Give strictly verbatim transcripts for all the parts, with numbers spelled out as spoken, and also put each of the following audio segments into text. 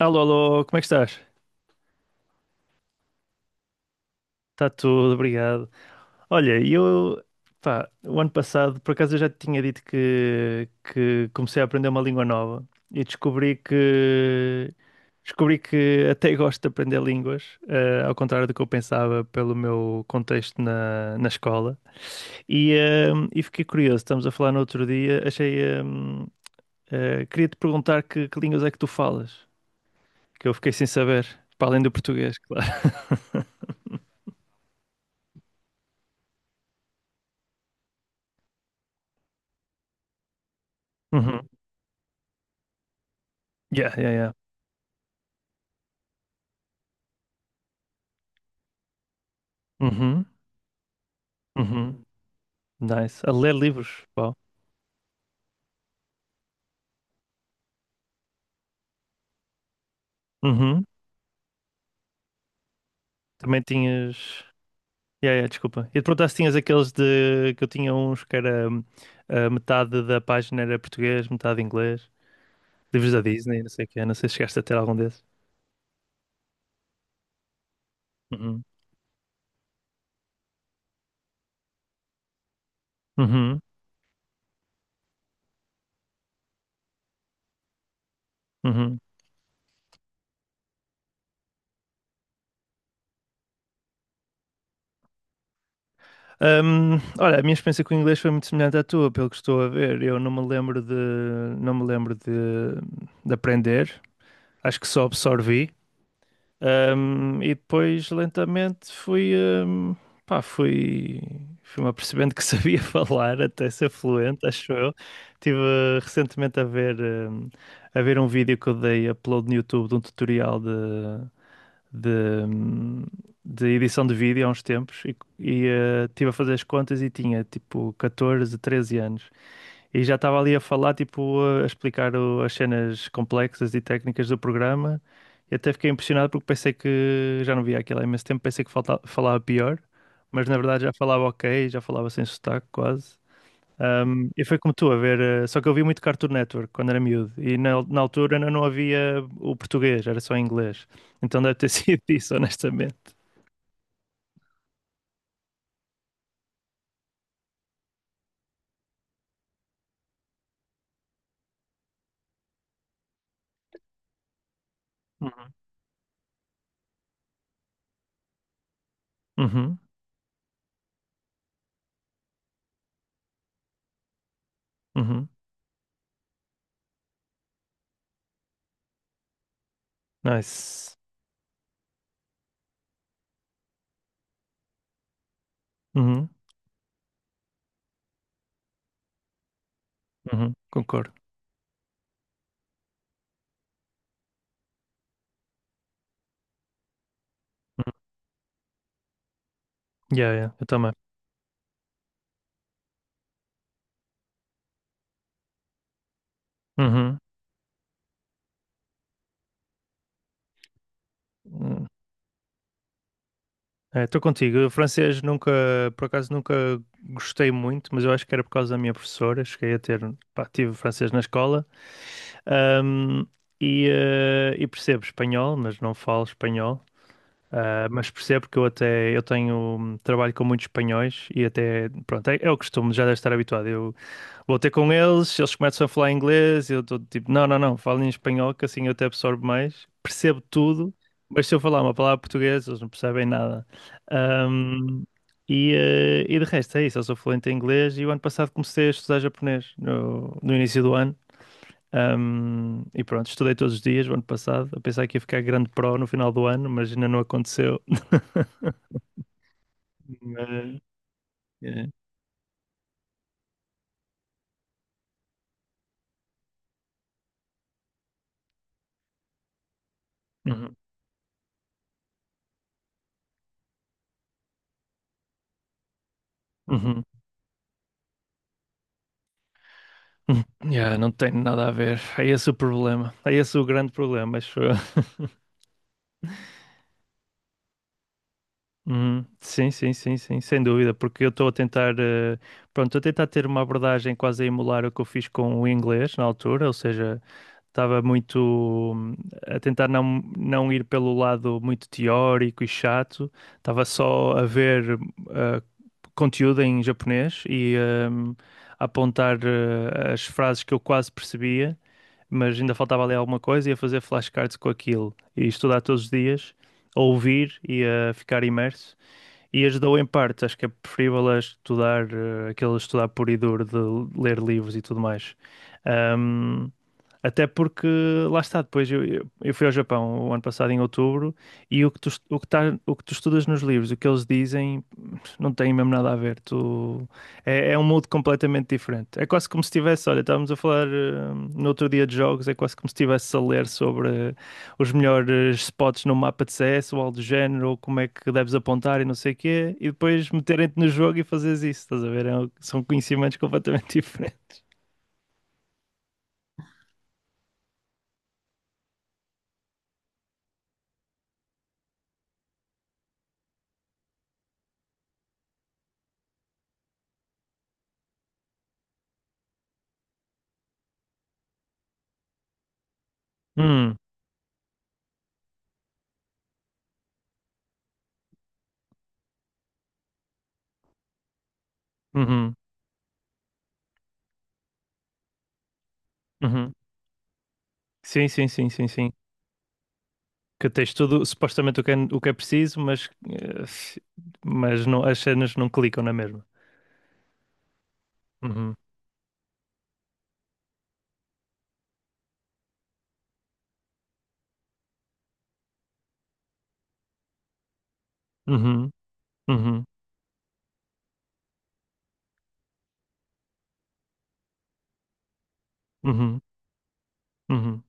Alô, alô, como é que estás? Está tudo, obrigado. Olha, eu, pá, o ano passado, por acaso eu já te tinha dito que, que comecei a aprender uma língua nova e descobri que, descobri que até gosto de aprender línguas, eh, ao contrário do que eu pensava pelo meu contexto na, na escola. E, ehm, e fiquei curioso, estamos a falar no outro dia, achei, ehm, eh, queria-te perguntar que, que línguas é que tu falas, que eu fiquei sem saber, para além do português, claro. Uhum. Yeah, yeah, yeah. Uhum, uhum. Nice. A ler livros. Uau. Uhum. Também tinhas. Yeah, yeah, desculpa. E de perguntar se tinhas aqueles de que eu tinha uns que era hum, a metade da página era português, metade inglês. Livros da Disney, não sei o quê. Não sei se chegaste a ter algum desses. Uhum. Uhum. Uhum. Hum, olha, a minha experiência com o inglês foi muito semelhante à tua, pelo que estou a ver. Eu não me lembro de, Não me lembro de, de aprender. Acho que só absorvi. Um, e depois lentamente fui, um, pá, fui, fui-me apercebendo que sabia falar até ser fluente, acho eu. Estive uh, recentemente a ver, um, a ver um vídeo que eu dei upload no YouTube de um tutorial de, de, um, de edição de vídeo há uns tempos e, e uh, estive a fazer as contas e tinha tipo catorze treze anos. E já estava ali a falar, tipo, a explicar o- as cenas complexas e técnicas do programa. E até fiquei impressionado porque pensei que já não via aquilo há imenso tempo, pensei que falta- falava pior, mas na verdade já falava ok, já falava sem sotaque quase. Ahm, e foi como tu, a ver, eh, só que eu vi muito Cartoon Network quando era miúdo e na, na altura ainda não havia o português, era só inglês. Então deve ter sido isso, honestamente. Uhum. Uhum. Uhum. Nice. Uhum. Uhum. Concordo. Uhum. Yeah, yeah, eu também. Uhum. Hum. É, estou contigo. Eu, francês nunca, por acaso nunca gostei muito, mas eu acho que era por causa da minha professora. Cheguei a ter, pá, tive francês na escola. Ahm, e, eh, e percebo espanhol, mas não falo espanhol. Ah, mas percebo que eu até eu tenho hum, trabalho com muitos espanhóis e até pronto, é, é o costume, já deve estar habituado. Vou ter com eles, eles começam a falar inglês, eu estou tipo, não, não, não, falem em espanhol, que assim eu até absorvo mais, percebo tudo, mas se eu falar uma palavra portuguesa, eles não percebem nada. Ahm, e, eh, e de resto, é isso, eu sou fluente em inglês e o ano passado comecei a estudar japonês, no, no início do ano. Ahm, e pronto, estudei todos os dias, o ano passado, a pensar que ia ficar grande pro no final do ano, mas ainda não aconteceu. Mas é. Uhum. Uhum. Uhum. Yeah, não tem nada a ver. É esse o problema. É esse o grande problema, acho eu. Uhum. Sim, sim, sim, sim, sem dúvida, porque eu estou a tentar, eh, pronto, estou a tentar ter uma abordagem quase a emular o que eu fiz com o inglês na altura, ou seja, estava muito hum, a tentar não, não ir pelo lado muito teórico e chato, estava só a ver eh, conteúdo em japonês e hum, a apontar eh, as frases que eu quase percebia mas ainda faltava ali alguma coisa, e a fazer flashcards com aquilo e estudar todos os dias, a ouvir e a ficar imerso. E ajudou em parte, acho que é preferível a estudar, eh, aquele estudar puro e duro de ler livros e tudo mais. Até porque lá está, depois eu, eu, eu fui ao Japão o ano passado em outubro e o que tu, est- o que tá, o que tu estudas nos livros, o que eles dizem, não tem mesmo nada a ver. Tu, é, é um mundo completamente diferente. É quase como se estivesse, olha, estávamos a falar eh, no outro dia de jogos, é quase como se estivesse a ler sobre eh, os melhores spots no mapa de C S ou algo do género, ou como é que deves apontar e não sei o quê, e depois meterem-te no jogo e fazeres isso, estás a ver? É um- são conhecimentos completamente diferentes. Hum, uhum, uhum. Sim, sim, sim, sim, sim. Que tens tudo, supostamente o que é, o que é preciso, mas, eh, mas não, as cenas não clicam na mesma. Uhum, uhum, uhum, uhum, uhum.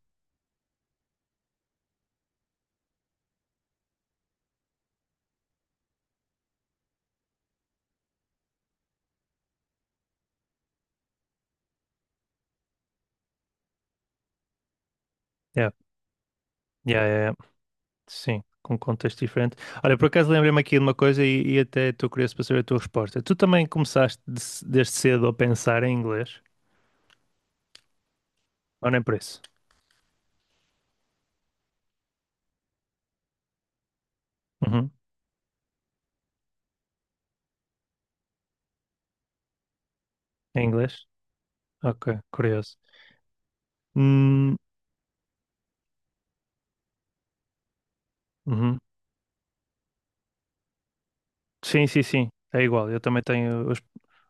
Yeah, yeah, yeah, yeah. Sim, com um contexto diferente. Olha, por acaso lembrei-me aqui de uma coisa e, e até estou curioso para saber a tua resposta. Tu também começaste de- desde cedo a pensar em inglês? Ou nem por isso? Uhum. Em inglês? Ok, curioso. Hum, uhum. Sim, sim, sim, é igual. Eu também tenho. Os,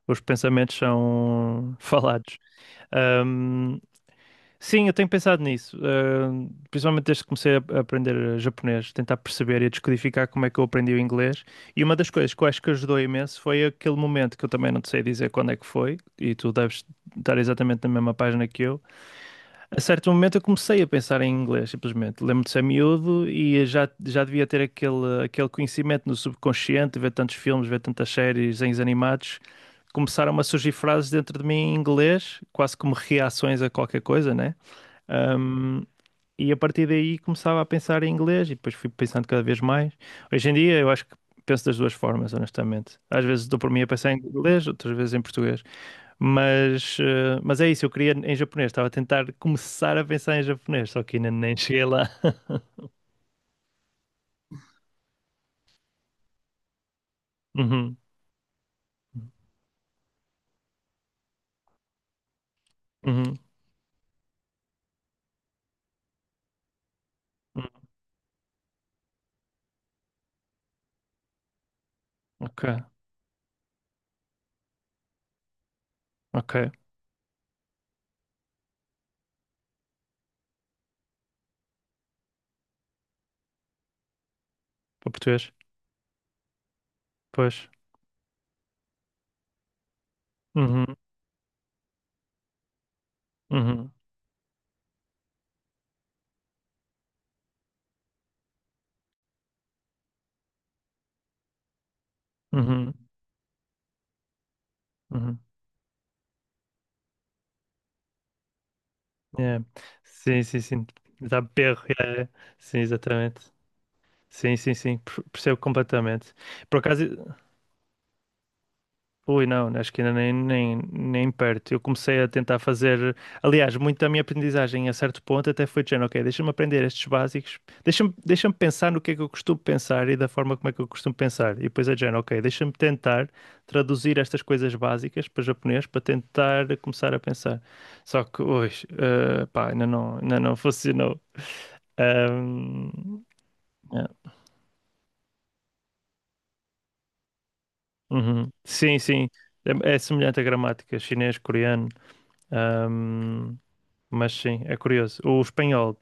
os pensamentos são falados. Ahm, sim, eu tenho pensado nisso. Ahm, principalmente desde que comecei a, a aprender japonês, tentar perceber e descodificar como é que eu aprendi o inglês. E uma das coisas que eu acho que ajudou imenso foi aquele momento que eu também não te sei dizer quando é que foi, e tu deves estar exatamente na mesma página que eu, a certo momento eu comecei a pensar em inglês, simplesmente. Lembro de ser miúdo e já, já devia ter aquele, aquele conhecimento no subconsciente, ver tantos filmes, ver tantas séries, desenhos animados. Começaram a surgir frases dentro de mim em inglês, quase como reações a qualquer coisa, né? Ahm, e a partir daí começava a pensar em inglês e depois fui pensando cada vez mais. Hoje em dia eu acho que penso das duas formas, honestamente. Às vezes dou por mim a pensar em inglês, outras vezes em português. Mas, eh, mas é isso, eu queria em japonês, estava a tentar começar a pensar em japonês, só que ainda nem cheguei lá. Uhum, uhum, uhum, ok, ok, para português, pois. Uhum, uhum, uhum, uhum, yeah. Sim, sim, sim, dá perro, yeah, yeah. Sim, exatamente. Sim, sim, sim, per- percebo completamente. Por acaso, ui, não, acho que ainda nem, nem, nem perto. Eu comecei a tentar fazer. Aliás, muito da minha aprendizagem a certo ponto até foi dizendo: ok, deixa-me aprender estes básicos, deixa-me deixa-me pensar no que é que eu costumo pensar e da forma como é que eu costumo pensar. E depois é dizendo: ok, deixa-me tentar traduzir estas coisas básicas para japonês para tentar começar a pensar. Só que hoje, pá, ainda não, ainda não funcionou. Ahm, É. Uhum. Sim, sim, é, é semelhante à gramática chinês, coreano. Mas sim, é curioso. O espanhol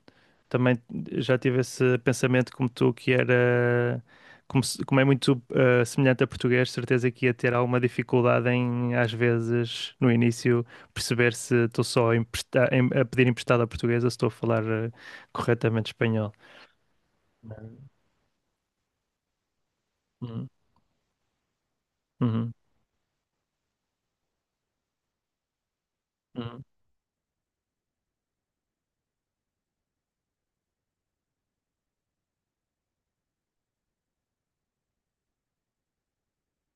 também já tive esse pensamento como tu, que era como, se- como é muito eh, semelhante a português, certeza que ia ter alguma dificuldade em, às vezes, no início, perceber se estou só a, empresta- em- a pedir emprestado a português ou se estou a falar eh, corretamente espanhol. Uhum, uhum, uhum,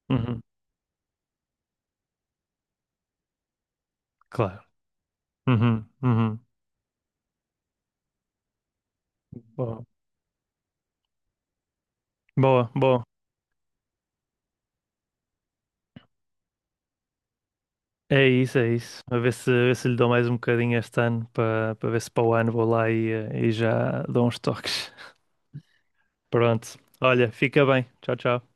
uhum, claro. Uhum, uhum. Boa, boa, boa. É isso, é isso. A ver se, a ver se lhe dou mais um bocadinho este ano para para ver se para o ano vou lá e, eh, e já dou uns toques. Pronto. Olha, fica bem. Tchau, tchau.